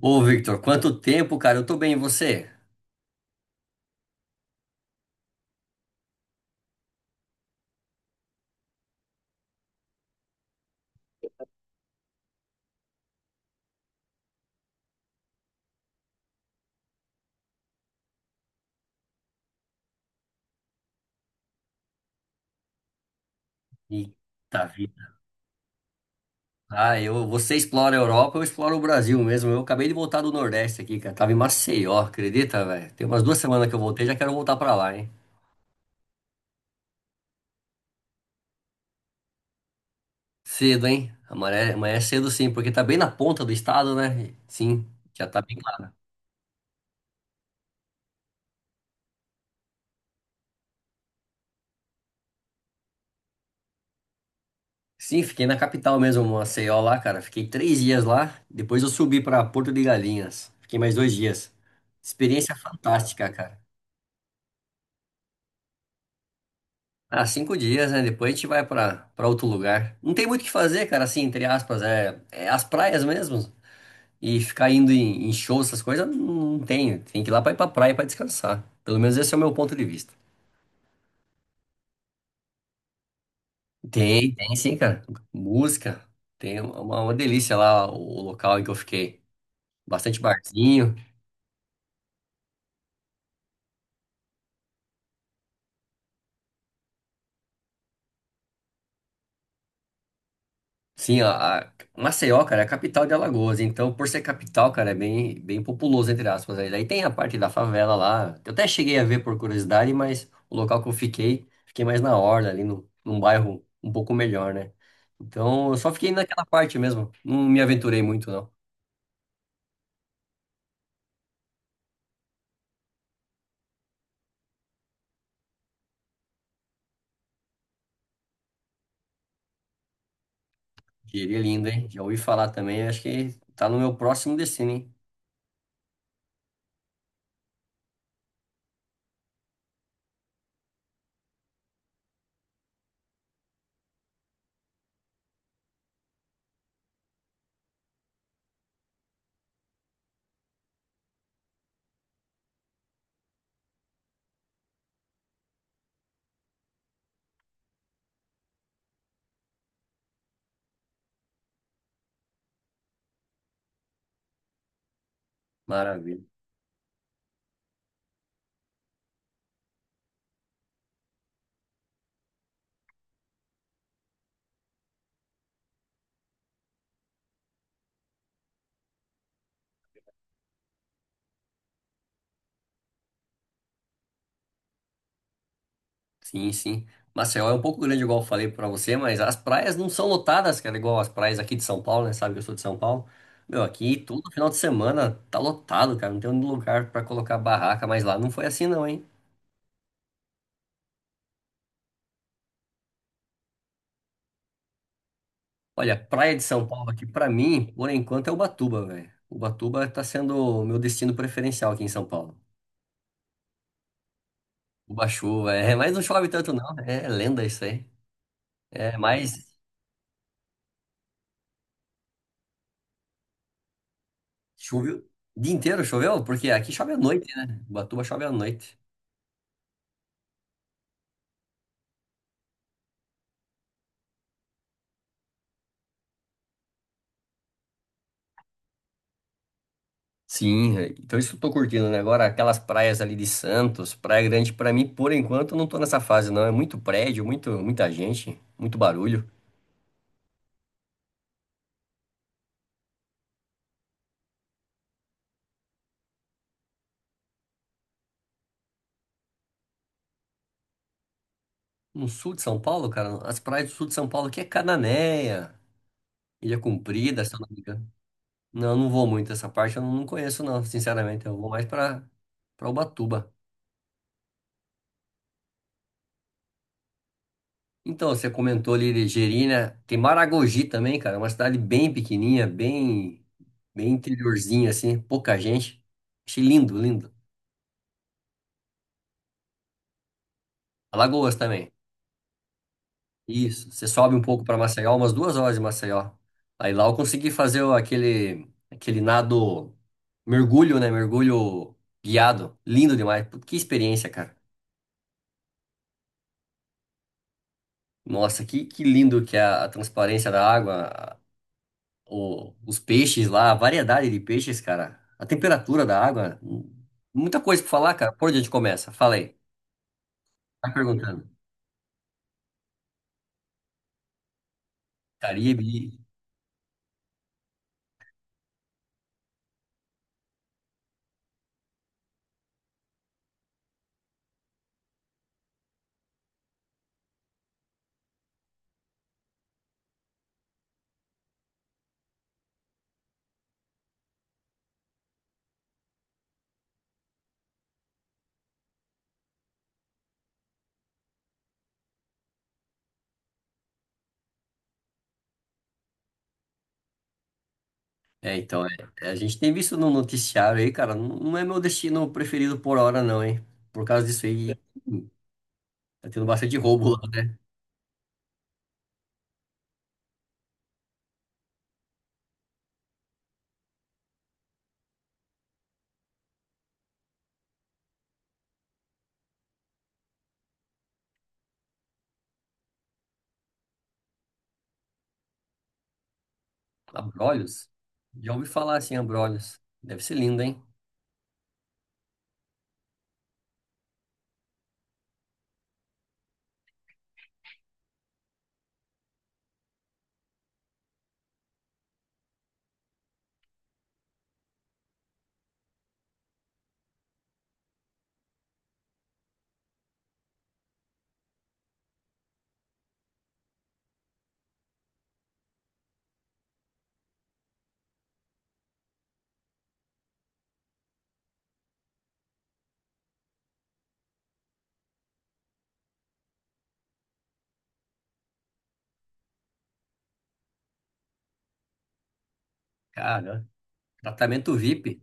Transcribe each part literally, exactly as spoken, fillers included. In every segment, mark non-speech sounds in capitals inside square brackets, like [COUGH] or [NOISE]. Ô, Victor, quanto tempo, cara? Eu tô bem, e você? Eita vida. Ah, eu, você explora a Europa, eu exploro o Brasil mesmo. Eu acabei de voltar do Nordeste aqui, cara. Tava em Maceió, acredita, velho? Tem umas duas semanas que eu voltei, já quero voltar pra lá, hein? Cedo, hein? Amanhã, amanhã é cedo sim, porque tá bem na ponta do estado, né? Sim, já tá bem lá. Sim, fiquei na capital mesmo, Maceió lá, cara. Fiquei três dias lá, depois eu subi pra Porto de Galinhas. Fiquei mais dois dias. Experiência fantástica, cara. Há cinco dias, né? Depois a gente vai pra para outro lugar. Não tem muito o que fazer, cara, assim, entre aspas. É, é as praias mesmo. E ficar indo em, em shows, essas coisas, não tem. Tem que ir lá pra ir pra praia pra descansar. Pelo menos esse é o meu ponto de vista. Tem, tem sim, cara. Música. Tem uma, uma delícia lá o local em que eu fiquei. Bastante barzinho. Sim, a, a Maceió, cara, é a capital de Alagoas. Então, por ser capital, cara, é bem, bem populoso, entre aspas. Aí daí tem a parte da favela lá. Eu até cheguei a ver por curiosidade, mas o local que eu fiquei, fiquei mais na orla, ali no, num bairro um pouco melhor, né? Então, eu só fiquei naquela parte mesmo. Não me aventurei muito, não. Diria lindo, hein? Já ouvi falar também, acho que tá no meu próximo destino, hein? Maravilha. Sim, sim. Maceió é um pouco grande, igual eu falei pra você, mas as praias não são lotadas, cara, igual as praias aqui de São Paulo, né? Sabe que eu sou de São Paulo. Meu, aqui todo final de semana tá lotado, cara. Não tem um lugar pra colocar barraca, mas lá não foi assim, não, hein? Olha, praia de São Paulo aqui, pra mim, por enquanto, é Ubatuba, velho. Ubatuba tá sendo o meu destino preferencial aqui em São Paulo. Uba-chuva, é, mas não chove tanto, não. É lenda isso aí. É, mas choveu. O dia inteiro choveu? Porque aqui chove à noite, né? Ubatuba chove à noite. Sim, velho. Então isso que eu tô curtindo, né? Agora, aquelas praias ali de Santos, Praia Grande, pra mim, por enquanto, eu não tô nessa fase, não. É muito prédio, muito, muita gente, muito barulho. No sul de São Paulo, cara, as praias do sul de São Paulo aqui é Cananéia, Ilha Comprida, se eu não me engano. Não, eu não vou muito essa parte, eu não conheço, não, sinceramente. Eu vou mais pra, pra Ubatuba. Então, você comentou ali de Gerina, tem Maragogi também, cara, uma cidade bem pequenininha, bem, bem interiorzinha, assim, pouca gente. Achei lindo, lindo. Alagoas também. Isso. Você sobe um pouco para Maceió, umas duas horas de Maceió. Aí lá eu consegui fazer o- aquele, aquele nado, mergulho, né? Mergulho guiado. Lindo demais. Putz, que experiência, cara. Nossa, que, que lindo que é a, a transparência da água, a- o- os peixes lá, a variedade de peixes, cara. A temperatura da água. hum, Muita coisa pra falar, cara. Por onde a gente começa? Fala aí. Tá perguntando. Caribe. É, então, é, é, a gente tem visto no noticiário aí, cara, não não é meu destino preferido por hora, não, hein? Por causa disso aí, hum, tá tendo bastante roubo lá. Abrolhos? Já ouvi falar assim, Abrolhos. Deve ser lindo, hein? Cara, tratamento V I P,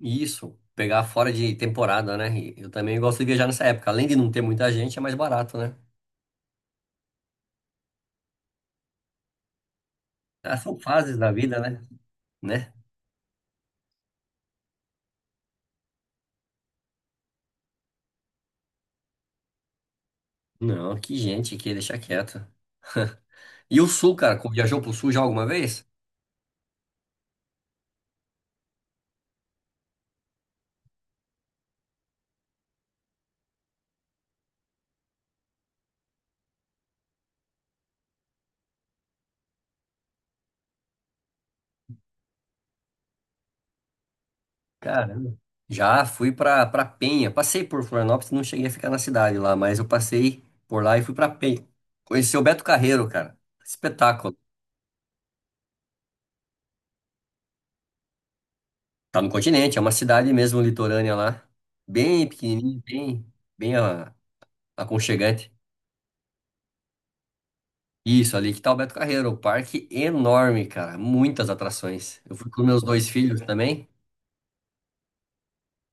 isso, pegar fora de temporada, né? E eu também gosto de viajar nessa época. Além de não ter muita gente, é mais barato, né? Ah, são fases da vida, né? Né? Não, que gente aqui, deixa quieto. [LAUGHS] E o Sul, cara, viajou pro Sul já alguma vez? Caramba. Já fui pra, pra Penha. Passei por Florianópolis, não cheguei a ficar na cidade lá, mas eu passei por lá e fui pra Penha. Conheci o Beto Carreiro, cara. Espetáculo. Tá no continente, é uma cidade mesmo litorânea lá. Bem pequenininha, bem, bem ah, aconchegante. Isso, ali que tá o Beto Carreiro. O parque enorme, cara. Muitas atrações. Eu fui com meus dois filhos também.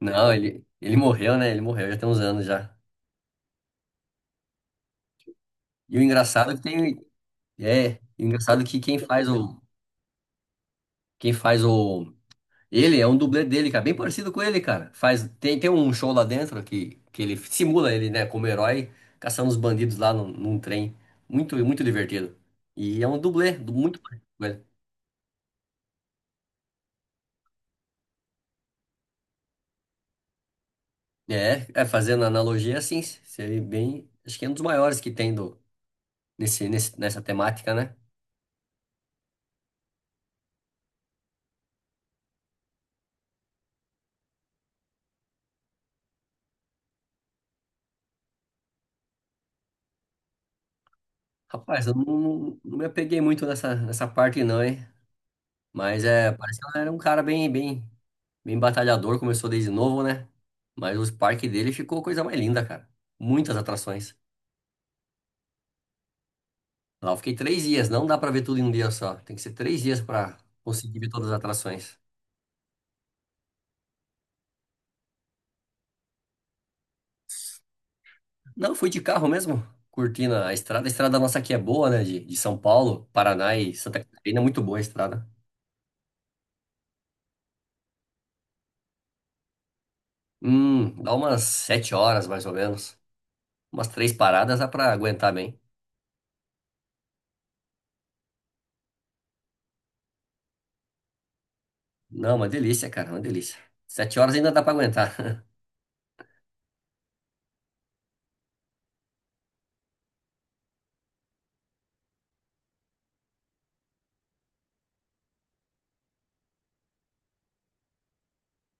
Não, ele, ele morreu, né? Ele morreu já tem uns anos já. E o engraçado é que tem. É, o engraçado é que quem faz o. Quem faz o ele é um dublê dele, cara, bem parecido com ele, cara. Faz, tem, tem um show lá dentro que, que ele simula ele, né, como herói, caçando os bandidos lá num, num trem. Muito, muito divertido. E é um dublê, du- muito parecido com ele. É, é, fazendo analogia assim, seria bem. Acho que é um dos maiores que tem do, nesse, nesse, nessa temática, né? Rapaz, eu não, não, não me apeguei muito nessa, nessa parte, não, hein? Mas é, parece que ela era um cara bem, bem. Bem batalhador, começou desde novo, né? Mas o parque dele ficou coisa mais linda, cara. Muitas atrações. Lá eu fiquei três dias, não dá pra ver tudo em um dia só. Tem que ser três dias pra conseguir ver todas as atrações. Não, fui de carro mesmo, curtindo a estrada. A estrada nossa aqui é boa, né? De, de São Paulo, Paraná e Santa Catarina, é muito boa a estrada. Hum, dá umas sete horas mais ou menos. Umas três paradas dá pra aguentar bem. Não, uma delícia, cara, uma delícia. Sete horas ainda dá pra aguentar.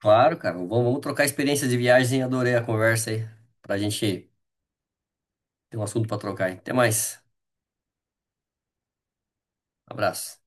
Claro, cara. Vamos, vamos trocar experiências de viagem. Adorei a conversa aí. Pra gente ter um assunto pra trocar aí. Até mais. Abraço.